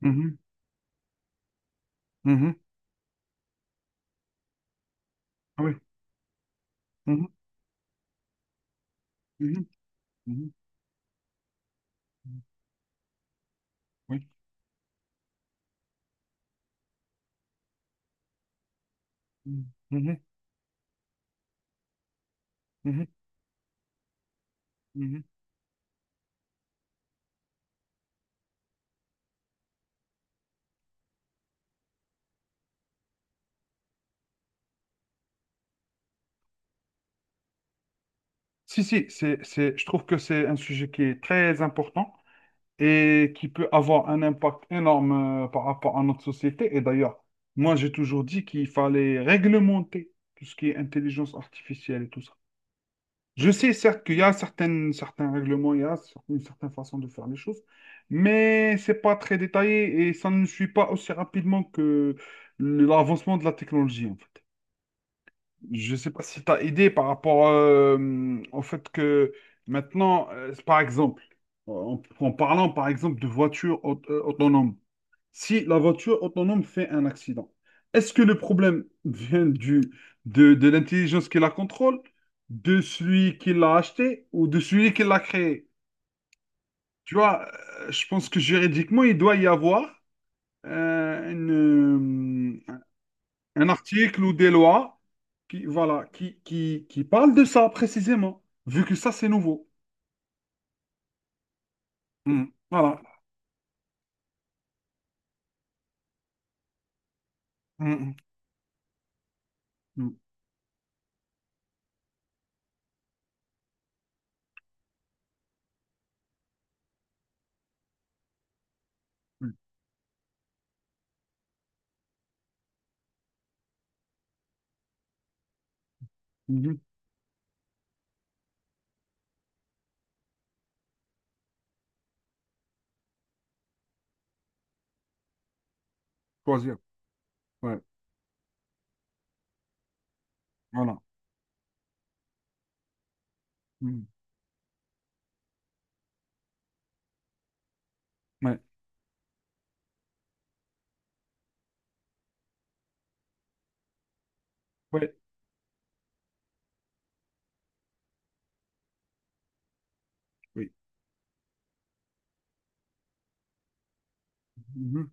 Mhm, mhm, ah oui, mhm, mhm, mhm, mhm, oui, mhm, mhm, mhm, mhm. Si, si, c'est, je trouve que c'est un sujet qui est très important et qui peut avoir un impact énorme par rapport à notre société. Et d'ailleurs, moi, j'ai toujours dit qu'il fallait réglementer tout ce qui est intelligence artificielle et tout ça. Je sais certes qu'il y a certains règlements, il y a une certaine façon de faire les choses, mais c'est pas très détaillé et ça ne suit pas aussi rapidement que l'avancement de la technologie, en fait. Je sais pas si tu as idée par rapport au fait que maintenant, par exemple, en parlant par exemple de voitures autonomes, si la voiture autonome fait un accident. Est-ce que le problème vient de l'intelligence qui la contrôle, de celui qui l'a acheté ou de celui qui l'a créé? Tu vois, je pense que juridiquement, il doit y avoir euh, une, euh, un article ou des lois qui, voilà, qui parlent de ça précisément, vu que ça, c'est nouveau. Mm. Voilà. Mm, mm, mm, mm, mm. Choisir. Ouais. Voilà. Mm. Ouais. Ouais. Oui. Mhm.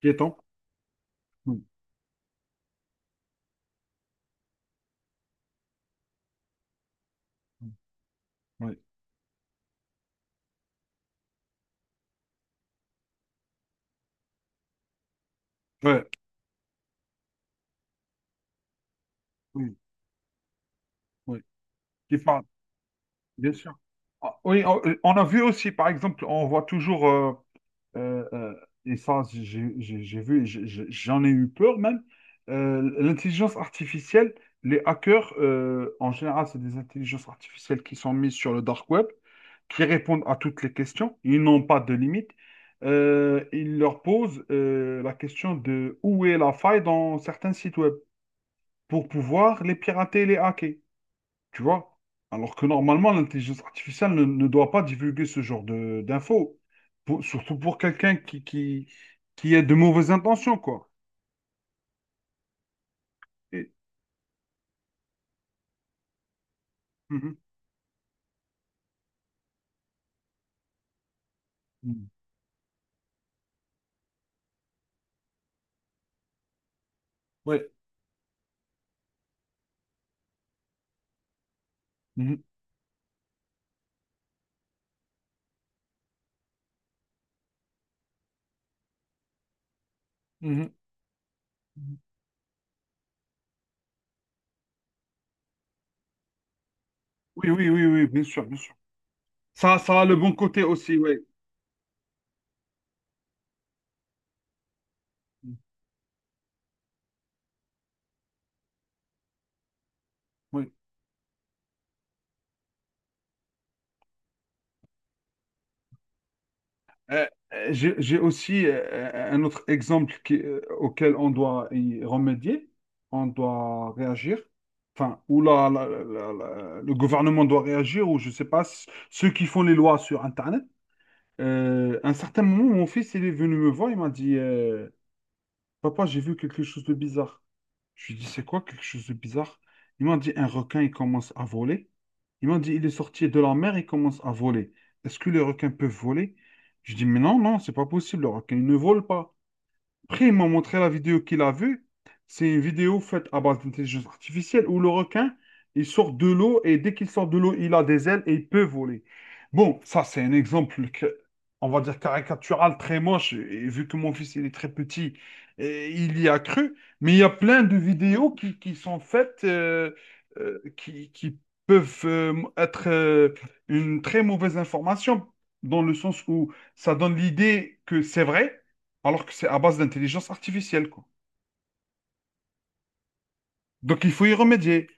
Piéton? Oui, oui, ouais, oui, oui. Qui parle, bien sûr. Ah, oui, on a vu aussi, par exemple, on voit toujours, euh, euh, et ça, j'ai vu, et j'en ai eu peur même, l'intelligence artificielle, les hackers, en général, c'est des intelligences artificielles qui sont mises sur le dark web, qui répondent à toutes les questions, ils n'ont pas de limite. Ils leur posent la question de où est la faille dans certains sites web, pour pouvoir les pirater et les hacker, tu vois? Alors que normalement, l'intelligence artificielle ne doit pas divulguer ce genre de d'infos, surtout pour quelqu'un qui a de mauvaises intentions, quoi. Et- Mhm. Mhm. Ouais. Mhm. Mhm. Oui, oui, oui, oui, bien sûr, bien sûr. Ça a le bon côté aussi, ouais. Oui. Euh, j'ai aussi un autre exemple auquel on doit y remédier, on doit réagir, enfin, ou le gouvernement doit réagir, ou je ne sais pas, ceux qui font les lois sur Internet. À un certain moment, mon fils, il est venu me voir, il m'a dit, Papa, j'ai vu quelque chose de bizarre. Je lui ai dit, c'est quoi quelque chose de bizarre? Ils m'ont dit, un requin, il commence à voler. Ils m'ont dit, il est sorti de la mer, il commence à voler. Est-ce que les requins peuvent voler? Je dis, mais non, non, c'est pas possible, le requin, il ne vole pas. Après, ils m'ont montré la vidéo qu'il a vue. C'est une vidéo faite à base d'intelligence artificielle où le requin, il sort de l'eau et dès qu'il sort de l'eau, il a des ailes et il peut voler. Bon, ça, c'est un exemple, on va dire caricatural, très moche. Et vu que mon fils, il est très petit, et il y a cru. Mais il y a plein de vidéos qui sont faites, qui peuvent être une très mauvaise information, dans le sens où ça donne l'idée que c'est vrai alors que c'est à base d'intelligence artificielle, quoi. Donc, il faut y remédier.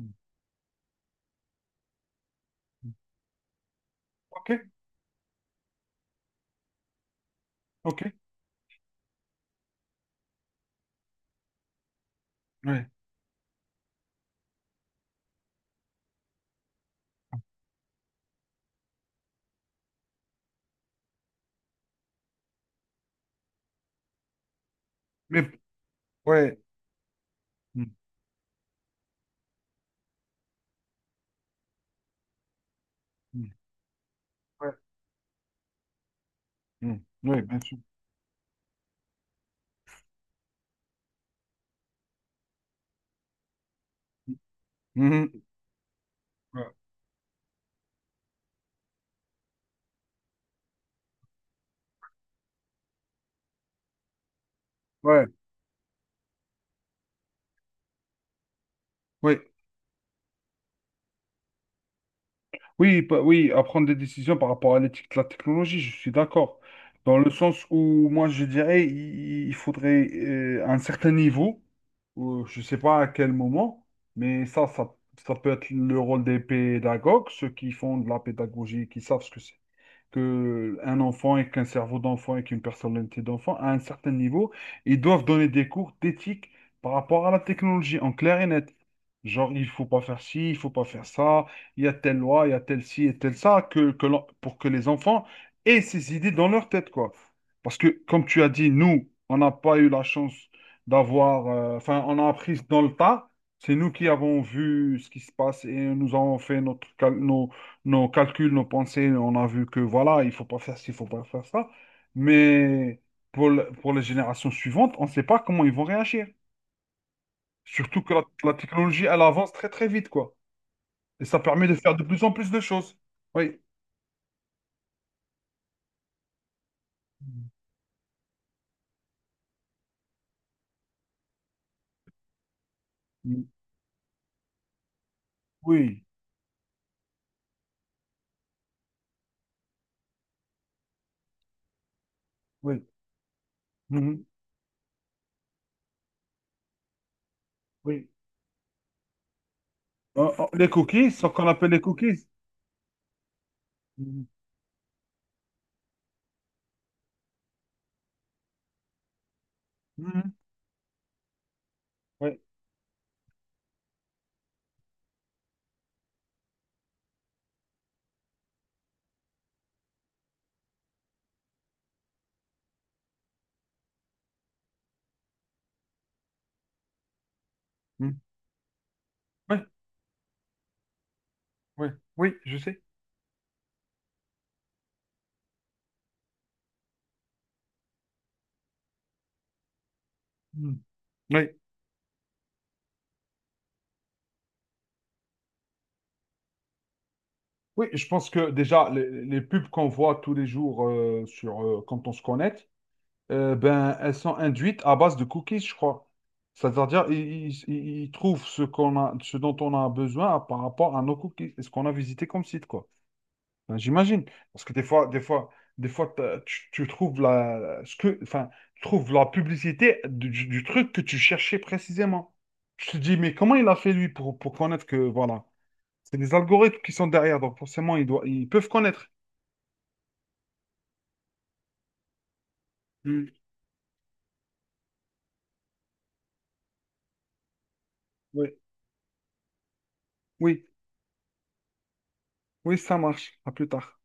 Mm. OK, OK, ouais. Mais, ouais. Mm, mm, ouais, mm, ouais, bien sûr. Mhm. Ouais, ouais, ouais. Oui, oui, à prendre des décisions par rapport à l'éthique de la technologie, je suis d'accord. Dans le sens où, moi, je dirais, il faudrait un certain niveau, ou je ne sais pas à quel moment, mais ça peut être le rôle des pédagogues, ceux qui font de la pédagogie, qui savent ce que c'est que un enfant et qu'un cerveau d'enfant et qu'une personnalité d'enfant, à un certain niveau, ils doivent donner des cours d'éthique par rapport à la technologie, en clair et net. Genre, il faut pas faire ci, il faut pas faire ça, il y a telle loi, il y a telle ci et telle ça, pour que les enfants aient ces idées dans leur tête, quoi. Parce que, comme tu as dit, nous, on n'a pas eu la chance d'avoir, enfin, on a appris dans le tas. C'est nous qui avons vu ce qui se passe et nous avons fait nos calculs, nos pensées, on a vu que voilà, il faut pas faire ci, il faut pas faire ça. Mais pour les générations suivantes, on ne sait pas comment ils vont réagir. Surtout que la technologie, elle avance très très vite, quoi. Et ça permet de faire de plus en plus de choses. Oui. Mm. Oui, oui. Mhm. Oui. Les cookies, ce qu'on appelle les cookies. Mhm. Mhm. Oui. Mhm. Oui, oui, oui, je sais. Mhm. Oui. Oui, je pense que déjà, les pubs qu'on voit tous les jours sur, quand on se connecte, ben, elles sont induites à base de cookies, je crois. C'est-à-dire, ils trouvent ce qu'on a, ce dont on a besoin par rapport à nos cookies et ce qu'on a visité comme site, quoi. Ben, j'imagine. Parce que des fois, des fois, des fois, tu trouves ce que, enfin, tu trouves la publicité du truc que tu cherchais précisément. Je te dis, mais comment il a fait lui pour connaître que, voilà. C'est des algorithmes qui sont derrière, donc forcément, ils doivent, ils peuvent connaître. Mm. Oui, oui, oui, ça marche. À plus tard.